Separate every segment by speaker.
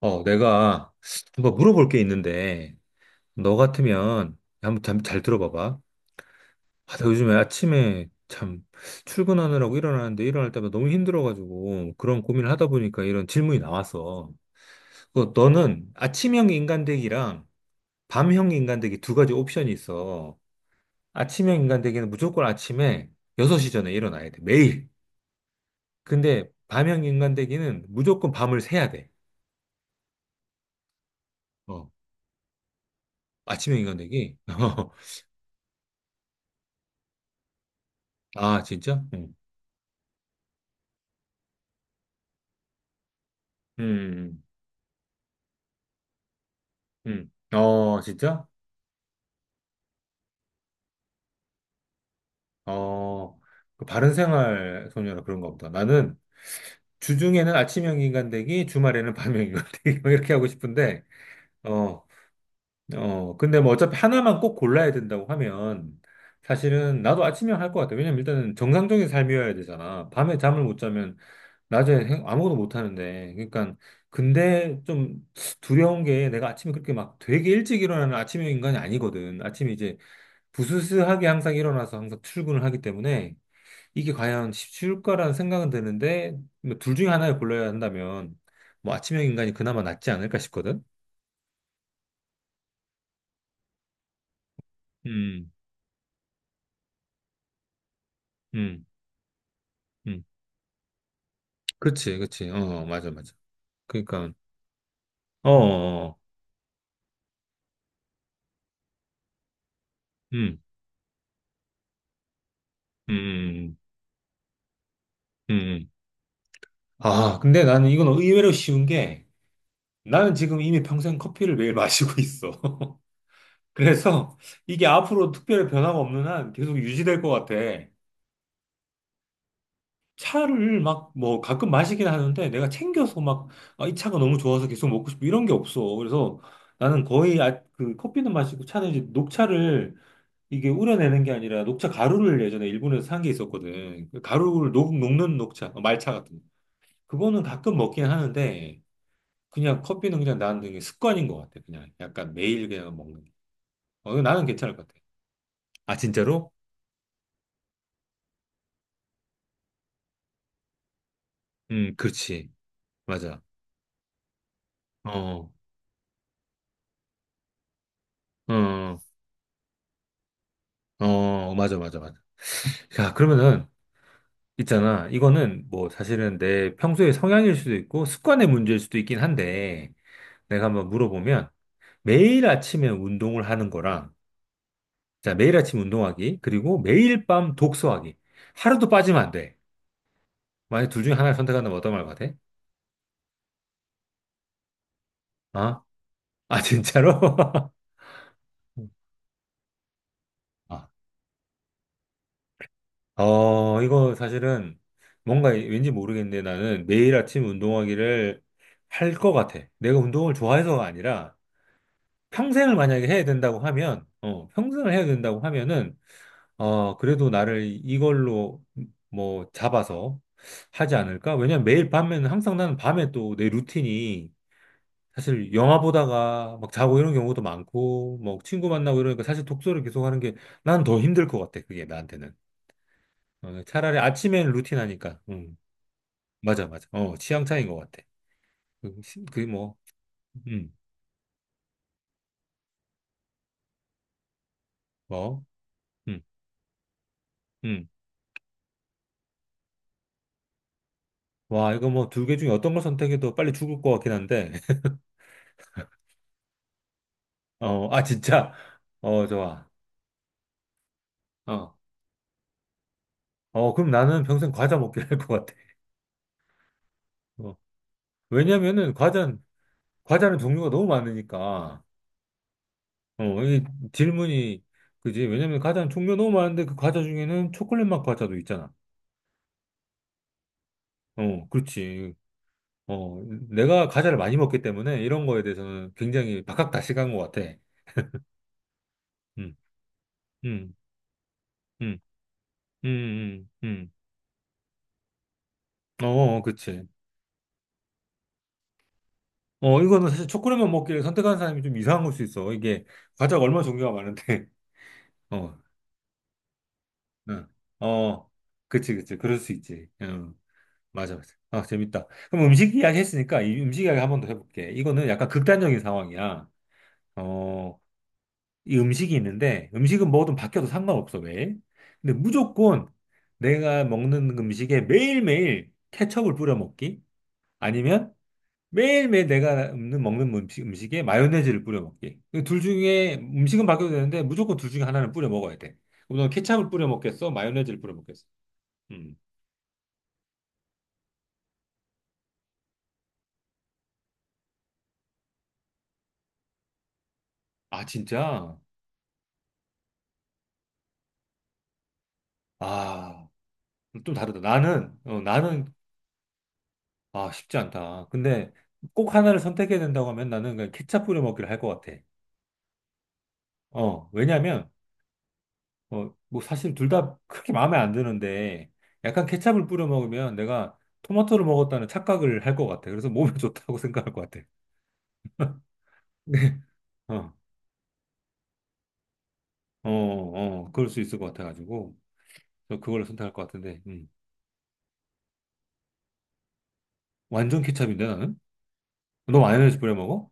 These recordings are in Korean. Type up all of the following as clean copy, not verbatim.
Speaker 1: 어, 내가 한번 물어볼 게 있는데, 너 같으면 한번 잘 들어봐봐. 아, 나 요즘에 아침에 참 출근하느라고 일어나는데 일어날 때마다 너무 힘들어가지고 그런 고민을 하다 보니까 이런 질문이 나왔어. 그 너는 아침형 인간되기랑 밤형 인간되기 두 가지 옵션이 있어. 아침형 인간되기는 무조건 아침에 6시 전에 일어나야 돼. 매일. 근데 밤형 인간되기는 무조건 밤을 새야 돼. 어, 아침형 인간되기? 아, 진짜? 응. 음, 어, 진짜? 어, 그 바른생활 소녀라 그런가 보다. 나는 주중에는 아침형 인간되기, 주말에는 밤형 인간되기, 뭐 이렇게 하고 싶은데, 어, 어, 근데 뭐 어차피 하나만 꼭 골라야 된다고 하면, 사실은 나도 아침형 할 것 같아. 왜냐면 일단은 정상적인 삶이어야 되잖아. 밤에 잠을 못 자면 낮에 아무것도 못 하는데. 그러니까, 근데 좀 두려운 게 내가 아침에 그렇게 막 되게 일찍 일어나는 아침형 인간이 아니거든. 아침에 이제 부스스하게 항상 일어나서 항상 출근을 하기 때문에 이게 과연 쉬울까라는 생각은 드는데 뭐둘 중에 하나를 골라야 한다면 뭐 아침형 인간이 그나마 낫지 않을까 싶거든. 음, 음, 음. 그렇지, 그렇지. 어, 어, 맞아, 맞아. 그러니까, 어, 어, 어. 음, 음, 음, 음. 음. 아, 근데 나는 이건 의외로 쉬운 게 나는 지금 이미 평생 커피를 매일 마시고 있어. 그래서 이게 앞으로 특별히 변화가 없는 한 계속 유지될 것 같아. 차를 막 뭐 가끔 마시긴 하는데 내가 챙겨서 막, 아, 이 차가 너무 좋아서 계속 먹고 싶고 이런 게 없어. 그래서 나는 거의 아, 그 커피는 마시고 차는 이제 녹차를 이게 우려내는 게 아니라 녹차 가루를 예전에 일본에서 산 게 있었거든. 그 가루를 녹는 녹차, 어, 말차 같은 거. 그거는 가끔 먹긴 하는데 그냥 커피는 그냥 나는 그게 습관인 것 같아. 그냥 약간 매일 그냥 먹는 게. 어, 나는 괜찮을 것 같아. 아, 진짜로? 그렇지. 맞아. 어, 어, 어, 맞아, 맞아, 맞아. 자, 그러면은 있잖아. 이거는 뭐 사실은 내 평소의 성향일 수도 있고 습관의 문제일 수도 있긴 한데 내가 한번 물어보면 매일 아침에 운동을 하는 거랑 자, 매일 아침 운동하기 그리고 매일 밤 독서하기 하루도 빠지면 안 돼. 만약 둘 중에 하나를 선택한다면 어떤 말 같아? 아? 아 진짜로? 아. 어, 이거 사실은 뭔가 왠지 모르겠는데 나는 매일 아침 운동하기를 할 것 같아. 내가 운동을 좋아해서가 아니라 평생을 만약에 해야 된다고 하면, 어, 평생을 해야 된다고 하면은, 어, 그래도 나를 이걸로 뭐 잡아서 하지 않을까? 왜냐면 매일 밤에는 항상 나는 밤에 또 내 루틴이 사실 영화 보다가 막 자고 이런 경우도 많고, 뭐 친구 만나고 이러니까 사실 독서를 계속 하는 게 난 더 힘들 것 같아. 그게 나한테는. 어, 차라리 아침에는 루틴 하니까. 맞아, 맞아. 어, 취향 차이인 것 같아. 그, 그게 뭐, 음, 뭐, 음, 음. 와, 이거 뭐 두 개 중에 어떤 걸 선택해도 빨리 죽을 것 같긴 한데. 어, 아, 진짜. 어, 좋아. 어. 어, 그럼 나는 평생 과자 먹기를 할 것 같아. 어. 왜냐면은 과자는, 과자는 종류가 너무 많으니까. 어, 이 질문이, 그지? 왜냐면 과자는 종류가 너무 많은데 그 과자 중에는 초콜릿 맛 과자도 있잖아. 어, 그렇지. 어, 내가 과자를 많이 먹기 때문에 이런 거에 대해서는 굉장히 박학다식한 것 같아. 음, 음, 음, 음, 음, 어, 어, 그치. 어, 이거는 사실 초콜릿만 먹기를 선택한 사람이 좀 이상한 걸 수 있어. 이게 과자가 얼마나 종류가 많은데. 어, 응. 어, 그치, 그치. 그럴 수 있지. 응, 맞아, 맞아. 아, 재밌다. 그럼 음식 이야기 했으니까 이 음식 이야기 한번 더 해볼게. 이거는 약간 극단적인 상황이야. 어, 이 음식이 있는데 음식은 뭐든 바뀌어도 상관없어, 매일. 근데 무조건 내가 먹는 음식에 매일매일 케첩을 뿌려 먹기? 아니면 매일매일 내가 먹는, 먹는 음식, 음식에 마요네즈를 뿌려 먹기. 이둘 중에 음식은 바뀌어도 되는데 무조건 둘 중에 하나는 뿌려 먹어야 돼. 그럼 너 케찹을 뿌려 먹겠어? 마요네즈를 뿌려 먹겠어? 음. 아, 진짜? 아, 좀 다르다. 나는, 어, 나는, 아, 쉽지 않다. 근데 꼭 하나를 선택해야 된다고 하면 나는 그냥 케찹 뿌려 먹기를 할 것 같아. 어, 왜냐면, 어, 뭐 사실 둘 다 그렇게 마음에 안 드는데 약간 케찹을 뿌려 먹으면 내가 토마토를 먹었다는 착각을 할 것 같아. 그래서 몸에 좋다고 생각할 것 같아. 네. 어, 어, 어, 그럴 수 있을 것 같아가지고, 저 그걸로 선택할 것 같은데, 완전 케첩인데, 나는? 너 마요네즈 뿌려 먹어?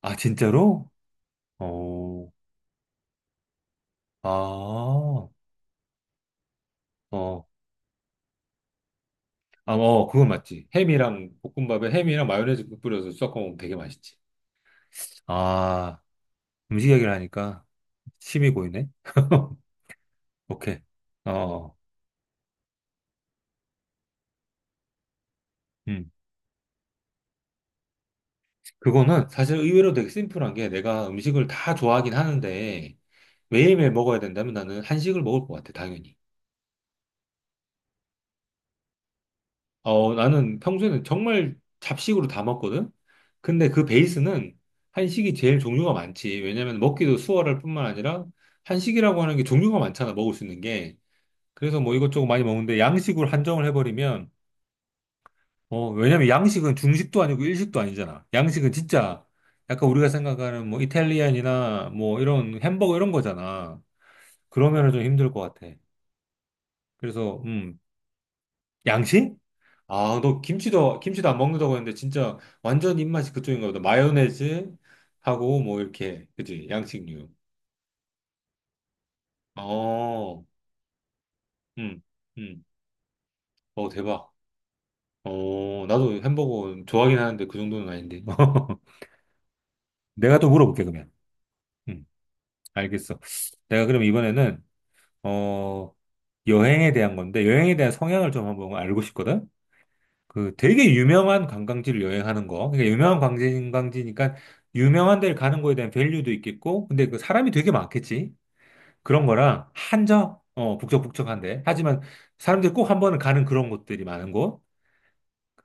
Speaker 1: 아, 진짜로? 어, 아, 어, 아, 어, 그건 맞지. 햄이랑, 볶음밥에 햄이랑 마요네즈 뿌려서 섞어 먹으면 되게 맛있지. 아, 음식 얘기를 하니까 침이 고이네? 오케이. 어, 어. 음. 그거는 사실 의외로 되게 심플한 게 내가 음식을 다 좋아하긴 하는데, 매일매일 먹어야 된다면 나는 한식을 먹을 것 같아, 당연히. 어, 나는 평소에는 정말 잡식으로 다 먹거든? 근데 그 베이스는 한식이 제일 종류가 많지. 왜냐면 먹기도 수월할 뿐만 아니라 한식이라고 하는 게 종류가 많잖아, 먹을 수 있는 게. 그래서 뭐 이것저것 많이 먹는데 양식으로 한정을 해버리면, 어, 왜냐면 양식은 중식도 아니고 일식도 아니잖아. 양식은 진짜 약간 우리가 생각하는 뭐 이탈리안이나 뭐 이런 햄버거 이런 거잖아. 그러면은 좀 힘들 것 같아. 그래서, 양식? 아, 너 김치도, 김치도 안 먹는다고 했는데, 진짜 완전 입맛이 그쪽인가 보다. 마요네즈 하고, 뭐, 이렇게. 그지? 양식류. 어, 음, 음. 어, 대박. 어, 나도 햄버거 좋아하긴 하는데, 그 정도는 아닌데. 내가 또 물어볼게, 그러면. 음, 알겠어. 내가 그럼 이번에는, 어, 여행에 대한 건데, 여행에 대한 성향을 좀 한번 알고 싶거든? 그 되게 유명한 관광지를 여행하는 거. 그러니까 유명한 관광지, 관광지니까 유명한 데를 가는 거에 대한 밸류도 있겠고, 근데 그 사람이 되게 많겠지. 그런 거랑 한적, 어, 북적북적한데. 하지만 사람들이 꼭 한 번은 가는 그런 곳들이 많은 곳.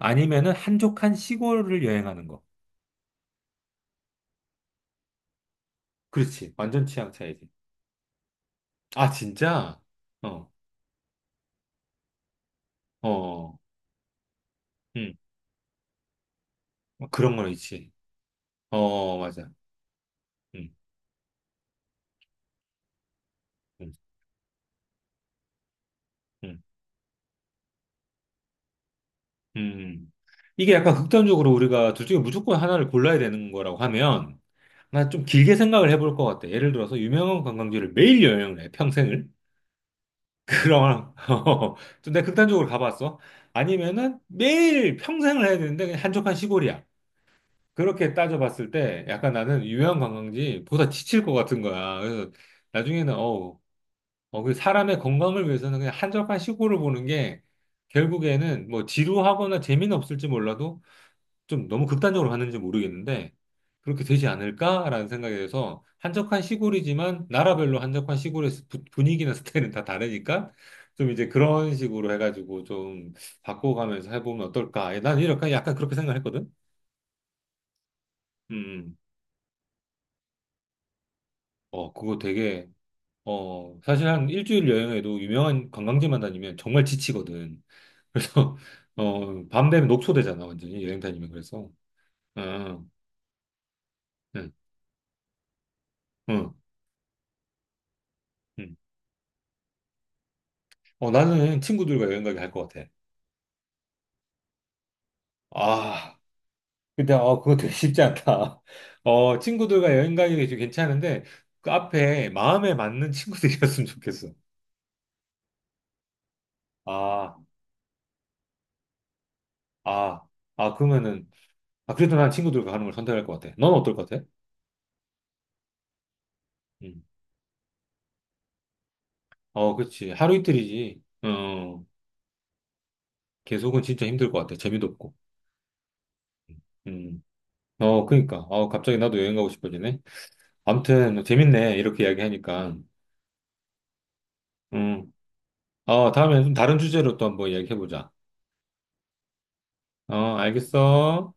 Speaker 1: 아니면은 한적한 시골을 여행하는 거. 그렇지. 완전 취향 차이지. 아, 진짜? 어, 어, 음, 그런 거 있지. 어, 맞아. 음, 음, 음, 음. 이게 약간 극단적으로 우리가 둘 중에 무조건 하나를 골라야 되는 거라고 하면, 난 좀 길게 생각을 해볼 것 같아. 예를 들어서 유명한 관광지를 매일 여행을 해, 평생을. 그럼 좀 내가 극단적으로 가봤어. 아니면은 매일 평생을 해야 되는데 그냥 한적한 시골이야. 그렇게 따져봤을 때 약간 나는 유명한 관광지보다 지칠 것 같은 거야. 그래서 나중에는 어우, 어, 그 사람의 건강을 위해서는 그냥 한적한 시골을 보는 게 결국에는 뭐 지루하거나 재미는 없을지 몰라도 좀 너무 극단적으로 갔는지 모르겠는데 그렇게 되지 않을까라는 생각이 돼서 한적한 시골이지만 나라별로 한적한 시골의 분위기나 스타일은 다 다르니까 좀 이제 그런 식으로 해가지고 좀 바꿔가면서 해보면 어떨까. 난 이렇게 약간 그렇게 생각했거든. 음, 음. 어, 그거 되게 어 사실 한 일주일 여행에도 유명한 관광지만 다니면 정말 지치거든. 그래서 어밤 되면 녹초되잖아 완전히 여행 다니면 그래서. 어, 응, 응, 응. 어, 나는 친구들과 여행 가기 할 것 같아. 아, 근데, 어, 그거 되게 쉽지 않다. 어, 친구들과 여행 가기 좀 괜찮은데, 그 앞에 마음에 맞는 친구들이었으면 좋겠어. 아, 아, 아, 그러면은, 아, 그래도 난 친구들과 가는 걸 선택할 것 같아. 넌 어떨 것 같아? 음. 어, 그렇지. 하루 이틀이지. 어, 계속은 진짜 힘들 것 같아. 재미도 없고. 음. 어, 그러니까. 어, 갑자기 나도 여행 가고 싶어지네. 아무튼, 재밌네. 이렇게 이야기하니까. 음. 어, 다음에 좀 다른 주제로 또 한번 이야기해보자. 어, 알겠어.